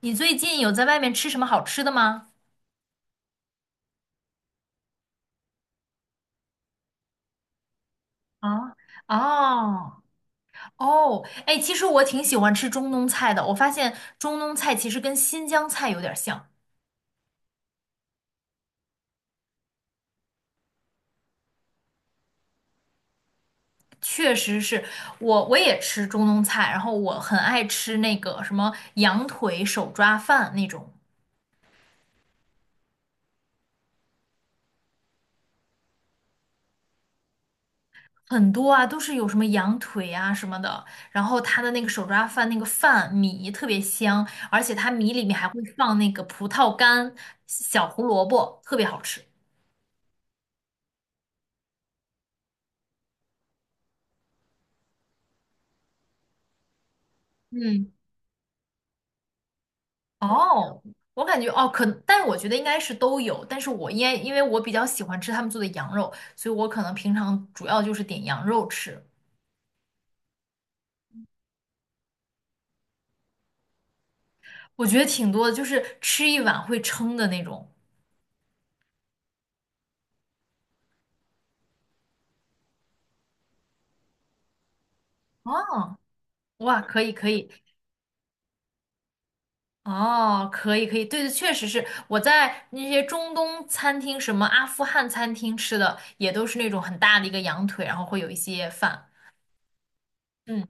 你最近有在外面吃什么好吃的吗？啊。哦。哦。哎，其实我挺喜欢吃中东菜的。我发现中东菜其实跟新疆菜有点像。确实是。我也吃中东菜，然后我很爱吃那个什么羊腿手抓饭那种。很多啊，都是有什么羊腿啊什么的，然后它的那个手抓饭那个饭米特别香，而且它米里面还会放那个葡萄干、小胡萝卜，特别好吃。嗯。哦，我感觉哦，但是我觉得应该是都有，但是我因为我比较喜欢吃他们做的羊肉，所以我可能平常主要就是点羊肉吃。我觉得挺多的，就是吃一碗会撑的那种。哦，哇，可以可以。哦，可以可以，对对。确实是我在那些中东餐厅，什么阿富汗餐厅吃的，也都是那种很大的一个羊腿，然后会有一些饭。嗯。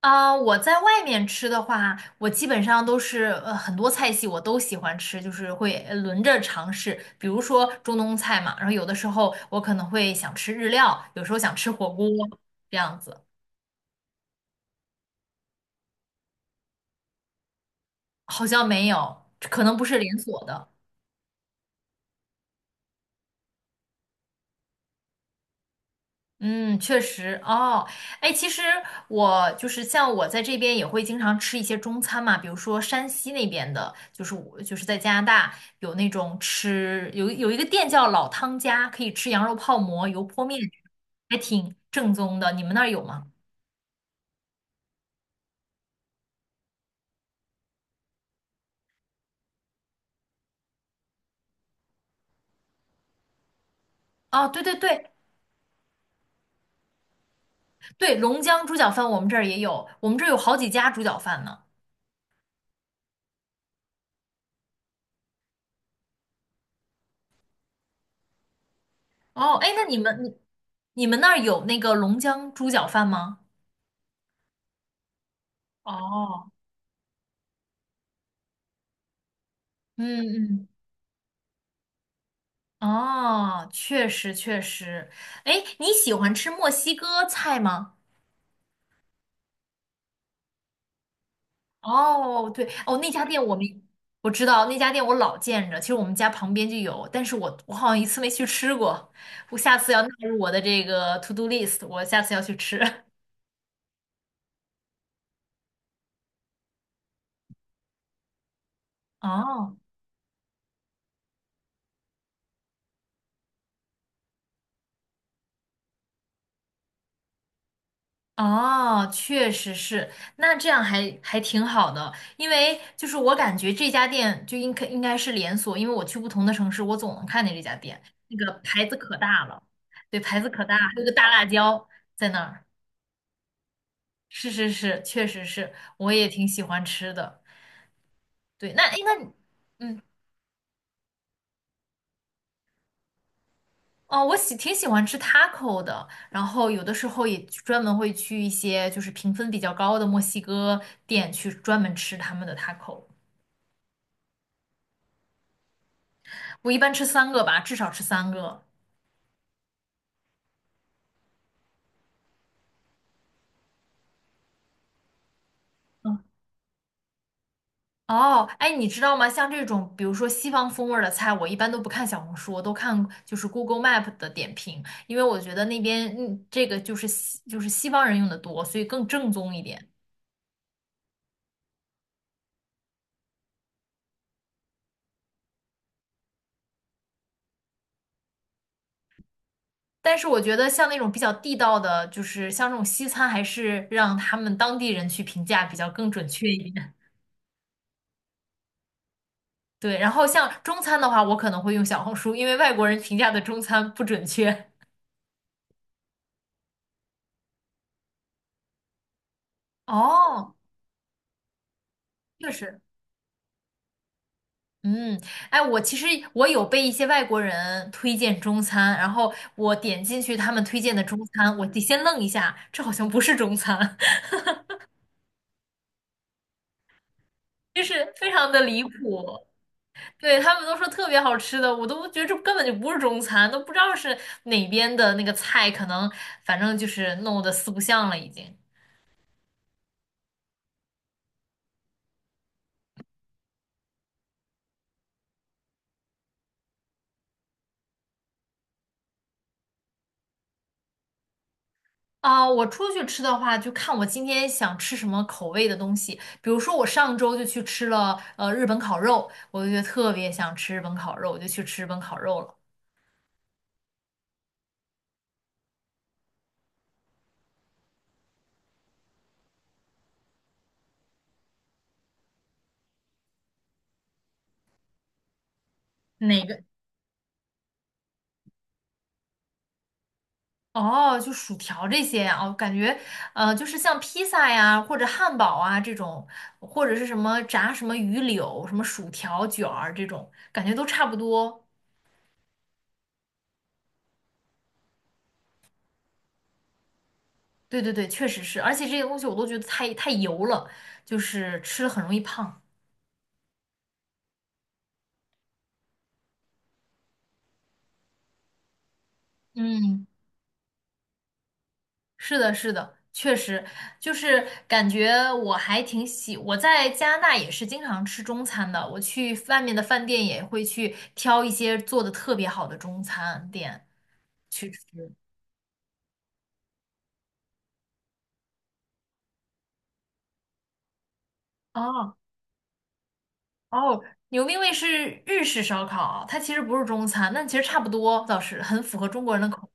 啊，我在外面吃的话，我基本上都是很多菜系我都喜欢吃，就是会轮着尝试。比如说中东菜嘛，然后有的时候我可能会想吃日料，有时候想吃火锅，这样子。好像没有，可能不是连锁的。嗯，确实哦。哎，其实我就是像我在这边也会经常吃一些中餐嘛，比如说山西那边的，就是我就是在加拿大有那种吃有有一个店叫老汤家，可以吃羊肉泡馍、油泼面，还挺正宗的。你们那儿有吗？哦，对对对对，龙江猪脚饭我们这儿也有，我们这儿有好几家猪脚饭呢。哦，哎，那你们你你们那儿有那个龙江猪脚饭吗？哦，嗯嗯。哦，确实确实。哎，你喜欢吃墨西哥菜吗？哦，对。哦，那家店我们我知道，那家店我老见着，其实我们家旁边就有，但是我好像一次没去吃过，我下次要纳入我的这个 to do list，我下次要去吃。哦。哦，确实是，那这样还挺好的，因为就是我感觉这家店就应该是连锁，因为我去不同的城市，我总能看见这家店，那个牌子可大了。对，牌子可大，还有个大辣椒在那儿。是是是，确实是，我也挺喜欢吃的。对，那诶那你嗯哦，我挺喜欢吃 taco 的，然后有的时候也去专门会去一些就是评分比较高的墨西哥店去专门吃他们的 taco。我一般吃三个吧，至少吃三个。嗯。哦，哎，你知道吗？像这种，比如说西方风味儿的菜，我一般都不看小红书，我都看就是 Google Map 的点评，因为我觉得那边这个就是就是西方人用的多，所以更正宗一点。但是我觉得像那种比较地道的，就是像这种西餐，还是让他们当地人去评价比较更准确一点。对，然后像中餐的话，我可能会用小红书，因为外国人评价的中餐不准确。哦，确实。嗯，哎，我其实有被一些外国人推荐中餐，然后我点进去他们推荐的中餐，我得先愣一下，这好像不是中餐。就是非常的离谱。对，他们都说特别好吃的，我都觉得这根本就不是中餐，都不知道是哪边的那个菜，可能反正就是弄得四不像了已经。啊，我出去吃的话，就看我今天想吃什么口味的东西。比如说，我上周就去吃了日本烤肉，我就觉得特别想吃日本烤肉，我就去吃日本烤肉了。哪个？哦，就薯条这些啊。我感觉就是像披萨呀，或者汉堡啊这种，或者是什么炸什么鱼柳、什么薯条卷儿这种，感觉都差不多。对对对，确实是，而且这些东西我都觉得太油了，就是吃了很容易胖。嗯。是的，是的，确实。就是感觉我还挺喜，我在加拿大也是经常吃中餐的，我去外面的饭店也会去挑一些做的特别好的中餐店去吃。哦哦，牛冰味是日式烧烤，它其实不是中餐，但其实差不多，倒是很符合中国人的口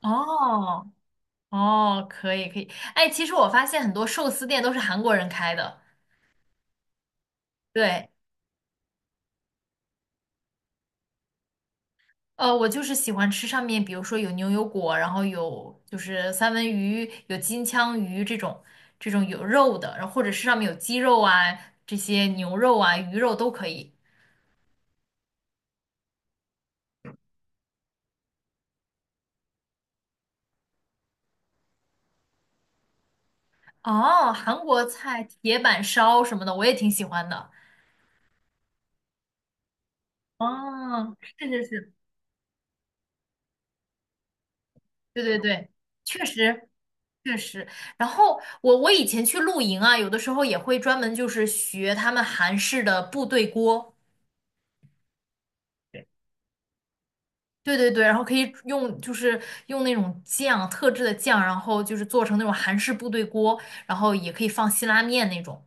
味。哦哦，可以可以。哎，其实我发现很多寿司店都是韩国人开的，对。我就是喜欢吃上面，比如说有牛油果，然后有就是三文鱼，有金枪鱼这种有肉的，然后或者是上面有鸡肉啊，这些牛肉啊、鱼肉都可以。哦，韩国菜铁板烧什么的，我也挺喜欢的。哦，是是是，对对对，确实确实。然后我以前去露营啊，有的时候也会专门就是学他们韩式的部队锅。对对对，然后可以用就是用那种酱，特制的酱，然后就是做成那种韩式部队锅，然后也可以放辛拉面那种。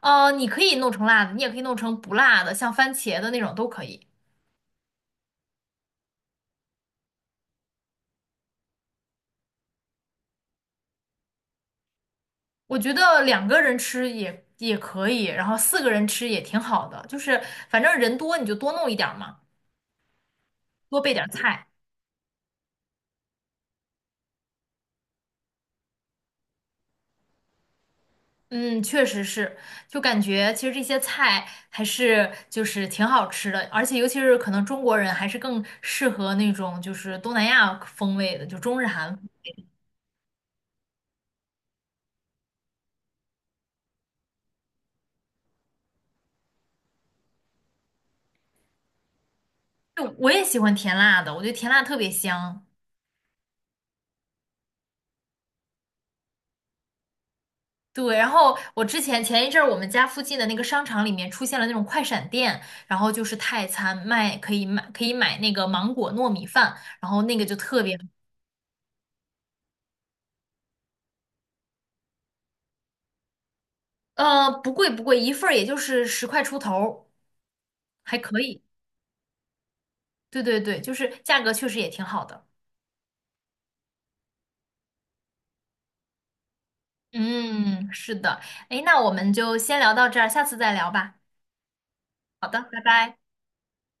你可以弄成辣的，你也可以弄成不辣的，像番茄的那种都可以。我觉得两个人吃也可以，然后四个人吃也挺好的，就是反正人多你就多弄一点儿嘛，多备点儿菜。嗯，确实是。就感觉其实这些菜还是就是挺好吃的，而且尤其是可能中国人还是更适合那种就是东南亚风味的，就中日韩。就我也喜欢甜辣的，我觉得甜辣特别香。对，然后我前一阵儿我们家附近的那个商场里面出现了那种快闪店，然后就是泰餐卖可以买可以买那个芒果糯米饭，然后那个就特别不贵不贵，一份儿也就是10块出头儿，还可以。对对对，就是价格确实也挺好的。嗯，是的。诶，那我们就先聊到这儿，下次再聊吧。好的，拜拜。